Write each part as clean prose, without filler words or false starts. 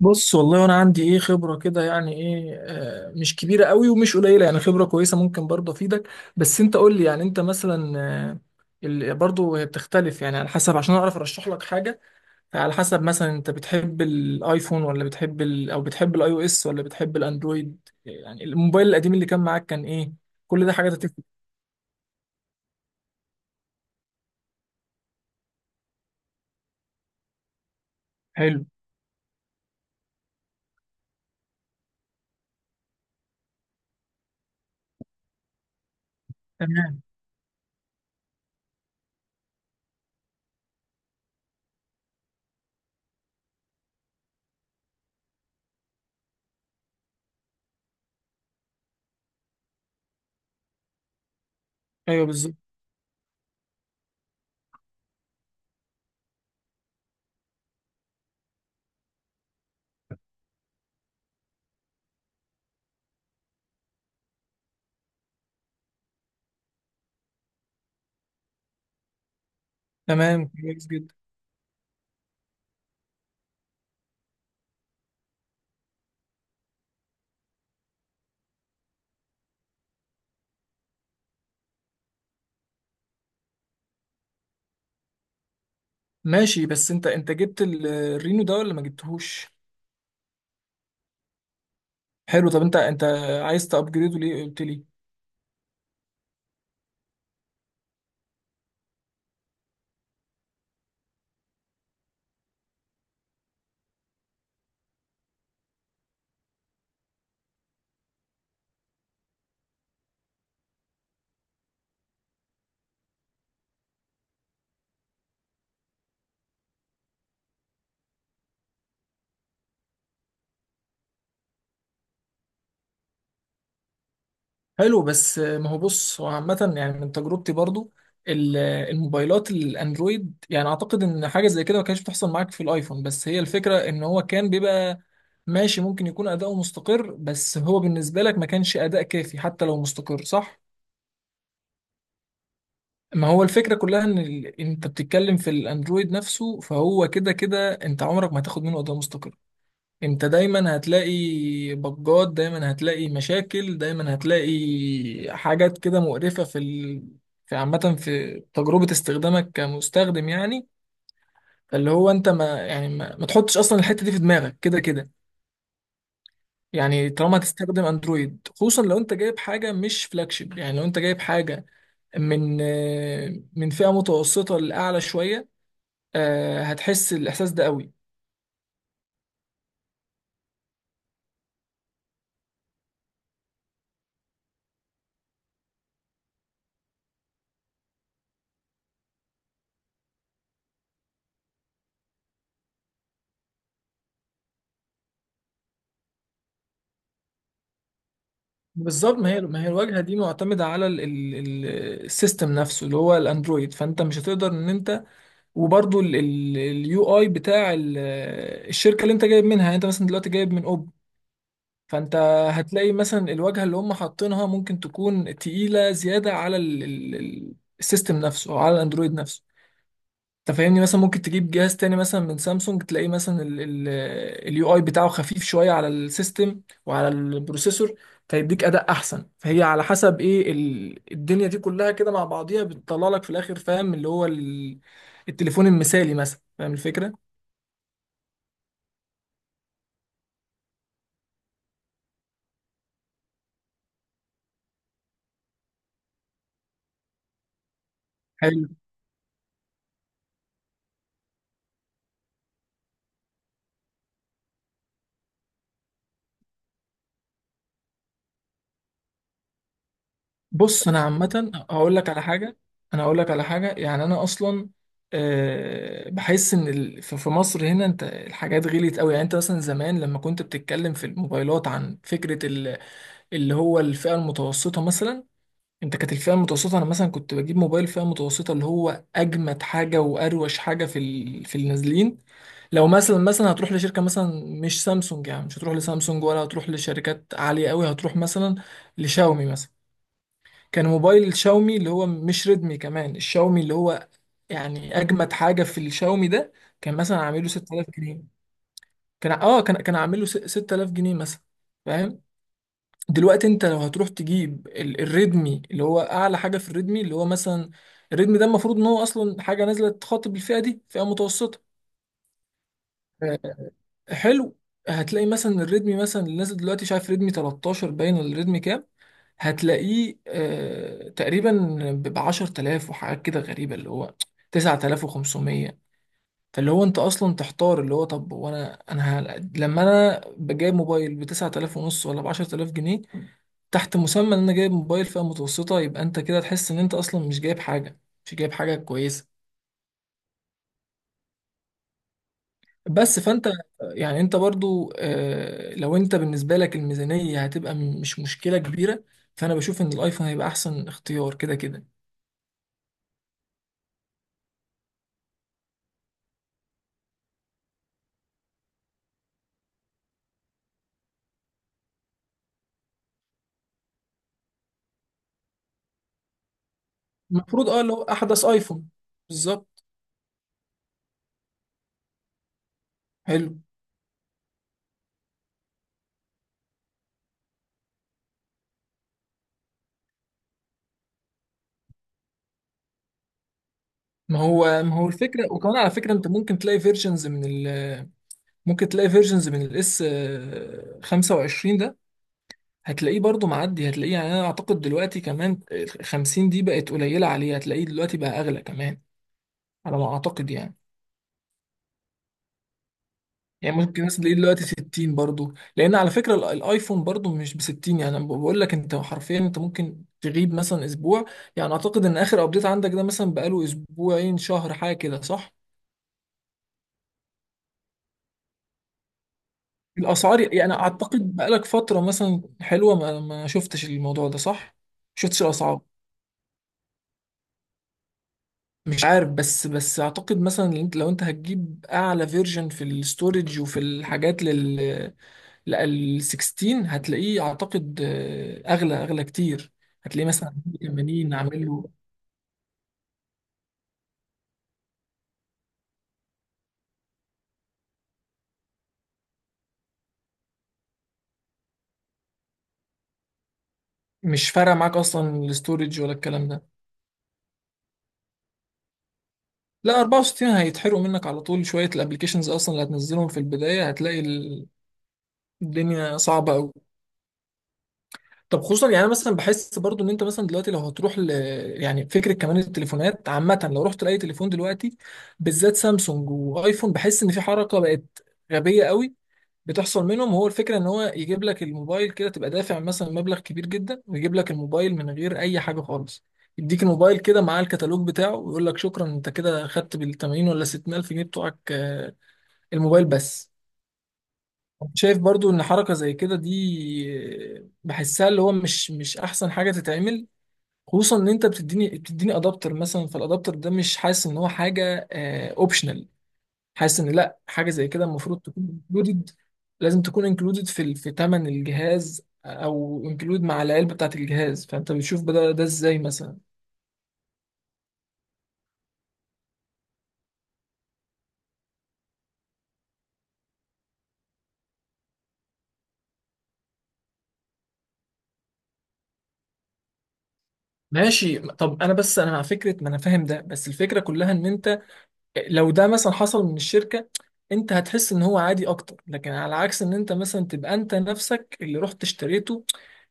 بص، والله انا عندي ايه خبره كده، يعني ايه، مش كبيره قوي ومش قليله، يعني خبره كويسه، ممكن برضه افيدك. بس انت قول لي، يعني انت مثلا آه، برضه هي بتختلف يعني على حسب، عشان اعرف ارشح لك حاجه. على حسب مثلا انت بتحب الايفون ولا بتحب ال او بتحب الاي او اس ولا بتحب الاندرويد. يعني الموبايل القديم اللي كان معاك كان ايه؟ كل ده حاجات هتفرق. حلو. تمام. ايوه بالظبط. تمام، كويس جدا. ماشي، بس انت جبت الرينو ده ولا ما جبتهوش؟ حلو، طب انت عايز تابجريده ليه قلت لي؟ حلو، بس ما هو بص، هو عامه يعني من تجربتي برضو الموبايلات الاندرويد، يعني اعتقد ان حاجه زي كده ما كانتش بتحصل معاك في الايفون. بس هي الفكره ان هو كان بيبقى ماشي، ممكن يكون اداؤه مستقر، بس هو بالنسبه لك ما كانش اداء كافي حتى لو مستقر، صح؟ ما هو الفكره كلها ان انت بتتكلم في الاندرويد نفسه، فهو كده كده انت عمرك ما هتاخد منه اداء مستقر. انت دايما هتلاقي بجات، دايما هتلاقي مشاكل، دايما هتلاقي حاجات كده مقرفة في في عامة في تجربة استخدامك كمستخدم، يعني اللي هو انت ما يعني ما تحطش اصلا الحتة دي في دماغك. كده كده يعني طالما هتستخدم اندرويد، خصوصا لو انت جايب حاجة مش فلاجشيب. يعني لو انت جايب حاجة من من فئة متوسطة لأعلى شوية، هتحس الإحساس ده قوي. بالظبط، ما هي الواجهه دي معتمده على السيستم نفسه اللي هو الاندرويد، فانت مش هتقدر ان انت وبرده اليو اي بتاع الشركه اللي انت جايب منها. يعني انت مثلا دلوقتي جايب من اوب، فانت هتلاقي مثلا الواجهه اللي هم حاطينها ممكن تكون تقيله زياده على السيستم نفسه او على الاندرويد نفسه. انت فاهمني؟ مثلا ممكن تجيب جهاز تاني مثلا من سامسونج، تلاقيه مثلا اليو اي بتاعه خفيف شويه على السيستم وعلى البروسيسور، فيديك اداء احسن. فهي على حسب ايه الدنيا دي كلها كده مع بعضيها بتطلع لك في الاخر، فاهم؟ اللي هو التليفون المثالي مثلا، فاهم الفكره؟ حلو. بص، انا عامه هقول لك على حاجه، انا هقول لك على حاجه، يعني انا اصلا بحس ان في في مصر هنا انت الحاجات غليت قوي. يعني انت مثلا زمان لما كنت بتتكلم في الموبايلات عن فكره اللي هو الفئة المتوسطة مثلا، انت كانت الفئة المتوسطة انا مثلا كنت بجيب موبايل فئة متوسطة اللي هو اجمد حاجة واروش حاجة في في النازلين. لو مثلا هتروح لشركة مثلا مش سامسونج، يعني مش هتروح لسامسونج ولا هتروح لشركات عالية قوي، هتروح مثلا لشاومي مثلا. كان موبايل شاومي اللي هو مش ريدمي كمان، الشاومي اللي هو يعني اجمد حاجة في الشاومي ده كان مثلا عامله 6000 جنيه. كان اه كان كان عامله 6000 جنيه مثلا، فاهم؟ دلوقتي انت لو هتروح تجيب الريدمي اللي هو اعلى حاجه في الريدمي، اللي هو مثلا الريدمي ده المفروض ان هو اصلا حاجه نازله تخاطب الفئه دي، فئه متوسطه، آه، حلو. هتلاقي مثلا الريدمي مثلا اللي نازل دلوقتي، شايف ريدمي 13 باين ولا ريدمي كام، هتلاقيه تقريبا ب 10,000 وحاجات كده غريبه، اللي هو 9,500. فاللي هو انت اصلا تحتار، اللي هو طب وانا لما انا بجايب موبايل ب 9,000 ونص ولا ب 10,000 جنيه تحت مسمى ان انا جايب موبايل فئة متوسطة، يبقى انت كده تحس ان انت اصلا مش جايب حاجة، مش جايب حاجة كويسة. بس فانت يعني انت برضو لو انت بالنسبة لك الميزانية هتبقى مش مشكلة كبيرة، فانا بشوف ان الايفون هيبقى احسن اختيار كده كده. المفروض اه لو احدث ايفون، بالظبط، حلو. ما هو الفكرة، وكمان على فكرة انت ممكن تلاقي فيرجنز من ال ممكن تلاقي فيرجنز من الاس 25 ده، هتلاقيه برضو معدي، هتلاقيه يعني انا اعتقد دلوقتي كمان 50 دي بقت قليله عليه، هتلاقيه دلوقتي بقى اغلى كمان، على ما اعتقد يعني. يعني ممكن الناس تلاقيه دلوقتي 60 برضو، لان على فكره الايفون برضو مش ب 60، يعني أنا بقول لك انت حرفيا انت ممكن تغيب مثلا اسبوع. يعني اعتقد ان اخر ابديت عندك ده مثلا بقاله اسبوعين شهر حاجه كده، صح؟ الاسعار يعني اعتقد بقالك فتره مثلا حلوه ما ما شفتش الموضوع ده، صح؟ ما شفتش الاسعار مش عارف، بس اعتقد مثلا ان انت، لو انت هتجيب اعلى فيرجن في الاستورج وفي الحاجات لل لا، ال 16 هتلاقيه اعتقد اغلى كتير. هتلاقيه مثلا 80 عامل له، مش فارقه معاك اصلا الاستورج ولا الكلام ده؟ لا 64 هيتحرقوا منك على طول شويه، الابلكيشنز اصلا اللي هتنزلهم في البدايه هتلاقي الدنيا صعبه قوي. طب خصوصا يعني أنا مثلا بحس برضو ان انت مثلا دلوقتي لو هتروح يعني فكره كمان التليفونات عامه لو رحت لاي تليفون دلوقتي، بالذات سامسونج وايفون، بحس ان في حركه بقت غبيه قوي بتحصل منهم. هو الفكره ان هو يجيب لك الموبايل كده تبقى دافع مثلا مبلغ كبير جدا ويجيب لك الموبايل من غير اي حاجه خالص. يديك الموبايل كده مع الكتالوج بتاعه ويقول لك شكرا، انت كده خدت بال 80 ولا 60 الف جنيه بتوعك الموبايل بس. شايف برضو ان حركه زي كده دي بحسها اللي هو مش احسن حاجه تتعمل. خصوصا ان انت بتديني ادابتر مثلا، فالادابتر ده مش حاسس ان هو حاجه اوبشنال. حاسس ان لا، حاجه زي كده المفروض تكون انكلودد، لازم تكون انكلودد في في ثمن الجهاز او انكلود مع العلبه بتاعت الجهاز. فانت بتشوف ده ازاي مثلا؟ ماشي طب انا بس انا مع فكره، ما انا فاهم ده، بس الفكره كلها ان انت لو ده مثلا حصل من الشركة، انت هتحس ان هو عادي اكتر، لكن على عكس ان انت مثلا تبقى انت نفسك اللي رحت اشتريته،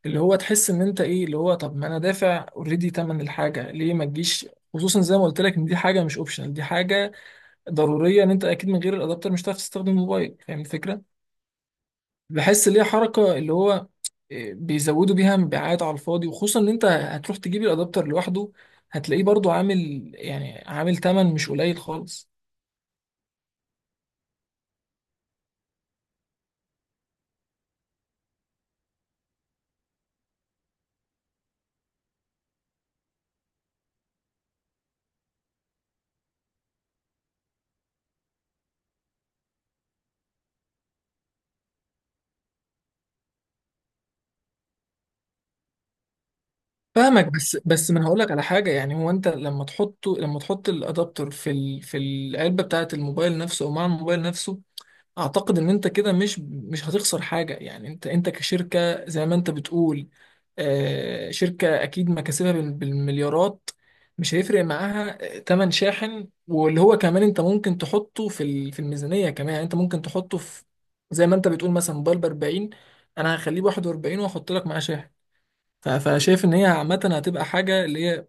اللي هو تحس ان انت ايه اللي هو، طب ما انا دافع اوريدي تمن الحاجة، ليه ما تجيش؟ خصوصا زي ما قلت لك ان دي حاجة مش اوبشنال، دي حاجة ضرورية. ان انت اكيد من غير الادابتر مش هتعرف تستخدم الموبايل، فاهم الفكرة؟ بحس ليه حركة اللي هو بيزودوا بيها مبيعات على الفاضي. وخصوصا ان انت هتروح تجيب الادابتر لوحده، هتلاقيه برضو عامل يعني عامل تمن مش قليل خالص. فاهمك، بس ما انا هقول لك على حاجه، يعني هو انت لما تحطه، لما تحط الادابتر في في العلبه بتاعه الموبايل نفسه او مع الموبايل نفسه، اعتقد ان انت كده مش هتخسر حاجه. يعني انت كشركه، زي ما انت بتقول، آه شركه اكيد مكاسبها بالمليارات، مش هيفرق معاها تمن شاحن. واللي هو كمان انت ممكن تحطه في في الميزانيه كمان، يعني انت ممكن تحطه في، زي ما انت بتقول مثلا موبايل ب 40، انا هخليه ب 41 واحط لك معاه شاحن. فانا شايف ان هي عامه هتبقى حاجه اللي هي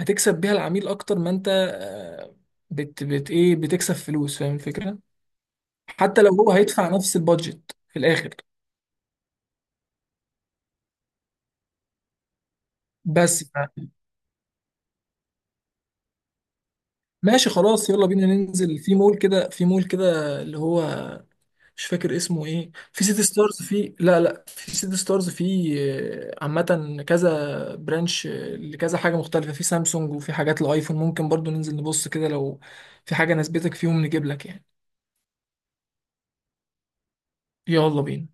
هتكسب بيها العميل اكتر ما انت بت بت ايه بتكسب فلوس، فاهم الفكره؟ حتى لو هو هيدفع نفس البادجت في الاخر. بس ف- ماشي خلاص، يلا بينا ننزل في مول كده، في مول كده اللي هو مش فاكر اسمه ايه، في سيتي ستارز، في لا، في سيتي ستارز، في عامه كذا برانش لكذا حاجه مختلفه، في سامسونج وفي حاجات الايفون، ممكن برضو ننزل نبص كده لو في حاجه نسبتك فيهم نجيب لك يعني. يلا بينا.